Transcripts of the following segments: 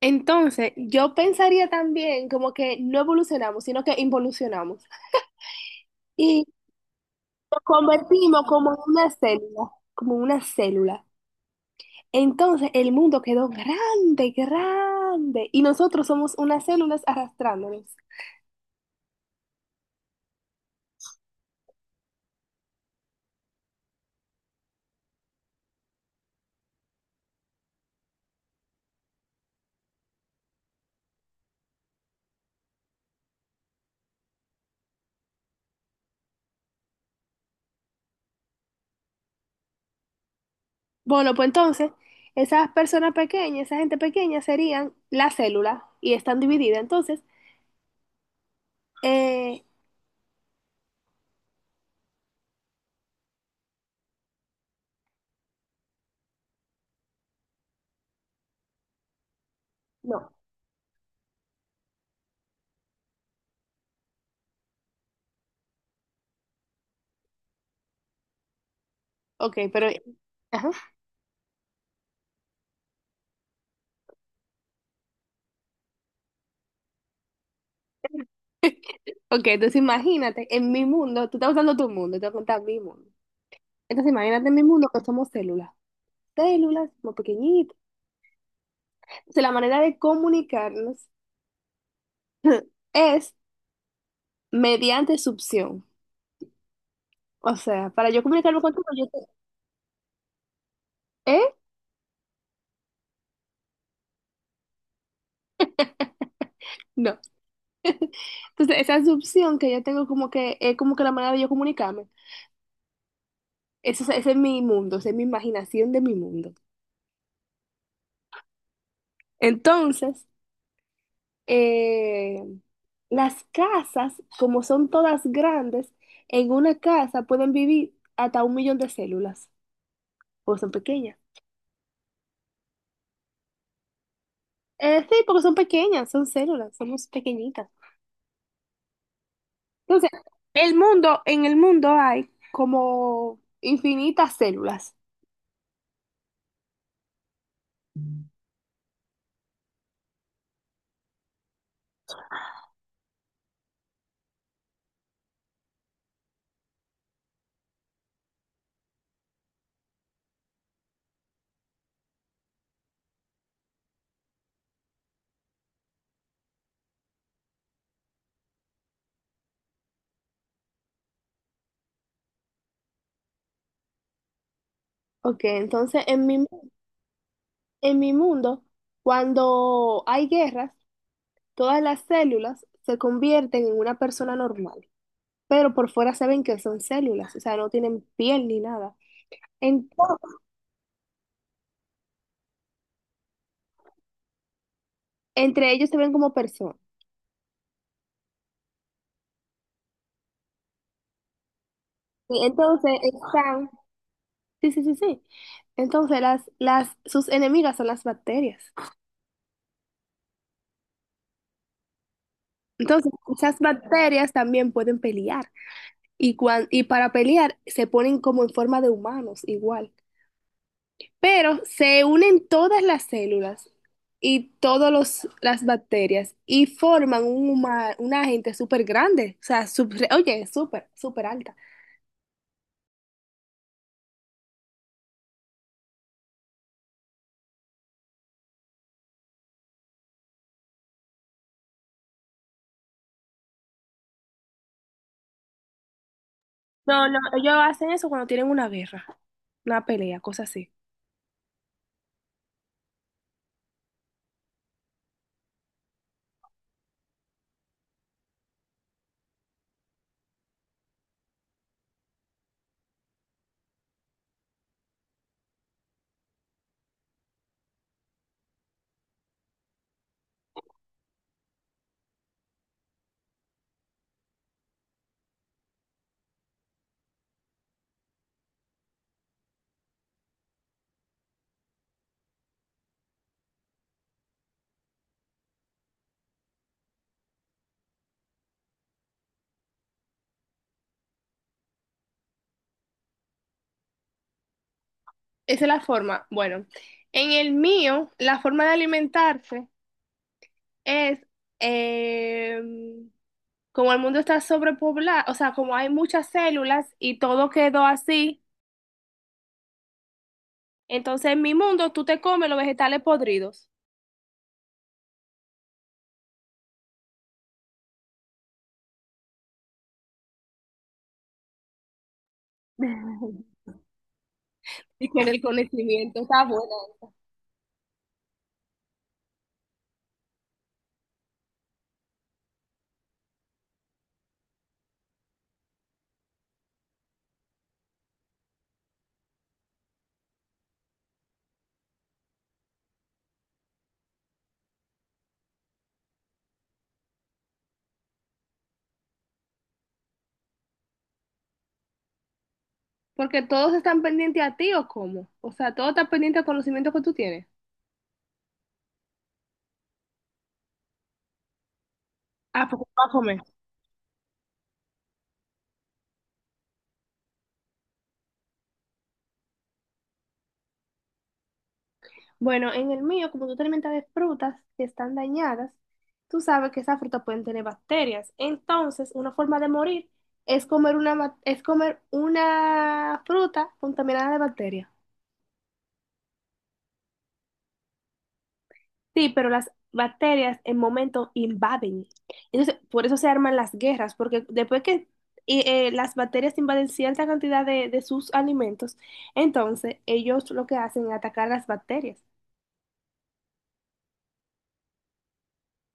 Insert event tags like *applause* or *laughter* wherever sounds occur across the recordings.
Entonces, yo pensaría también como que no evolucionamos, sino que involucionamos. Y nos convertimos como en una célula, como una célula. Entonces, el mundo quedó grande, grande. Y nosotros somos unas células arrastrándonos. Bueno, pues entonces, esas personas pequeñas, esa gente pequeña serían la célula y están divididas. Entonces, eh, no. Ok, pero... ajá. Ok, entonces imagínate, en mi mundo, tú estás usando tu mundo, te voy a contar mi mundo. Entonces, imagínate en mi mundo que somos células, células muy pequeñitas. Entonces, la manera de comunicarnos *laughs* es mediante succión. O sea, para yo comunicarme contigo, yo te... ¿Eh? No. Entonces, esa succión que yo tengo como que es como que la manera de yo comunicarme. Eso, ese es mi mundo, esa es mi imaginación de mi mundo. Entonces, eh, las casas, como son todas grandes, en una casa pueden vivir hasta 1.000.000 de células, o son pequeñas. Sí, porque son pequeñas, son células, somos pequeñitas. Entonces, el mundo, en el mundo hay como infinitas células. Ok, entonces en mi mundo, cuando hay guerras, todas las células se convierten en una persona normal, pero por fuera se ven que son células, o sea, no tienen piel ni nada. Ento- entre ellos se ven como personas. Y Entonces están, sí, sí, sí, sí. Entonces sus enemigas son las bacterias. Entonces, esas bacterias también pueden pelear y, y para pelear se ponen como en forma de humanos igual, pero se unen todas las células y todas las bacterias y forman un una gente súper grande, o sea, oye, súper, súper alta. No, no, ellos hacen eso cuando tienen una guerra, una pelea, cosas así. Esa es la forma. Bueno, en el mío, la forma de alimentarse es... em, como el mundo está sobrepoblado, o sea, como hay muchas células y todo quedó así, entonces en mi mundo tú te comes los vegetales podridos. *laughs* Y con el conocimiento está bueno. Porque todos están pendientes a ti o cómo. O sea, todo está pendiente al conocimiento que tú tienes. Ah, porque va a comer. Bueno, en el mío, como tú te alimentas de frutas que están dañadas, tú sabes que esas frutas pueden tener bacterias. Entonces, una forma de morir es comer una, es comer una fruta contaminada de bacterias. Sí, pero las bacterias en momento invaden. Entonces, por eso se arman las guerras, porque después que las bacterias invaden cierta cantidad de sus alimentos, entonces ellos lo que hacen es atacar las bacterias.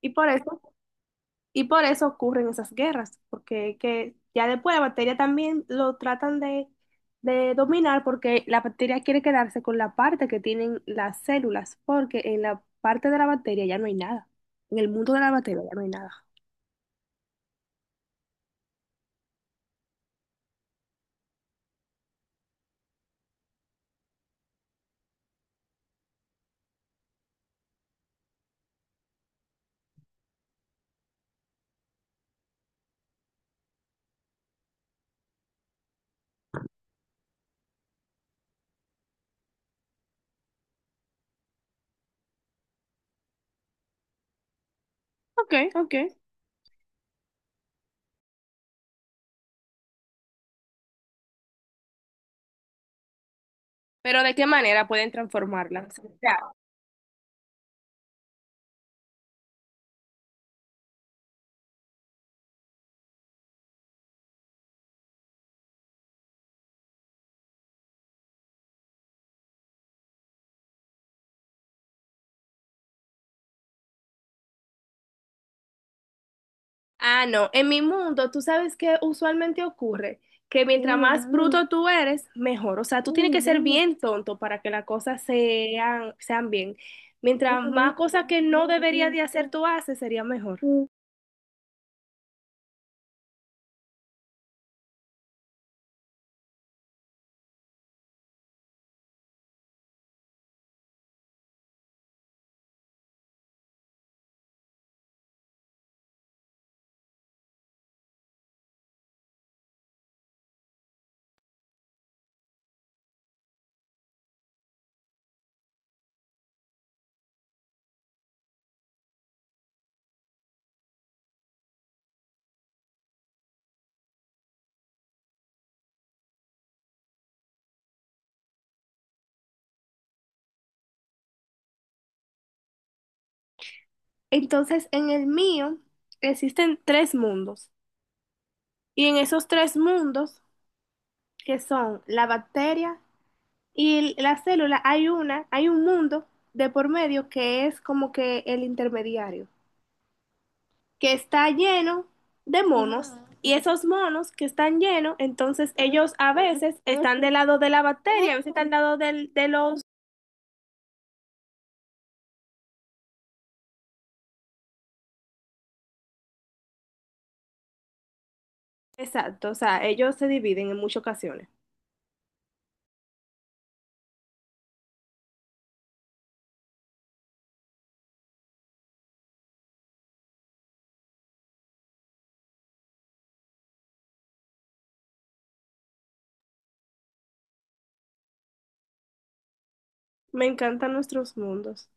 Y por eso, y por eso ocurren esas guerras, porque que ya después la bacteria también lo tratan de dominar, porque la bacteria quiere quedarse con la parte que tienen las células, porque en la parte de la bacteria ya no hay nada. En el mundo de la bacteria ya no hay nada. Ok, ok. Pero ¿de qué manera pueden transformarlas? O sea, ah, no, en mi mundo, tú sabes que usualmente ocurre que mientras más bruto tú eres, mejor. O sea, tú tienes que ser bien tonto para que las cosas sean, sean bien. Mientras más cosas que no deberías de hacer tú haces, sería mejor. Entonces, en el mío existen tres mundos. Y en esos tres mundos, que son la bacteria y la célula, hay una, hay un mundo de por medio que es como que el intermediario, que está lleno de monos, y esos monos que están llenos, entonces ellos a veces están del lado de la bacteria, a veces están del lado de los... Exacto, o sea, ellos se dividen en muchas ocasiones. Me encantan nuestros mundos.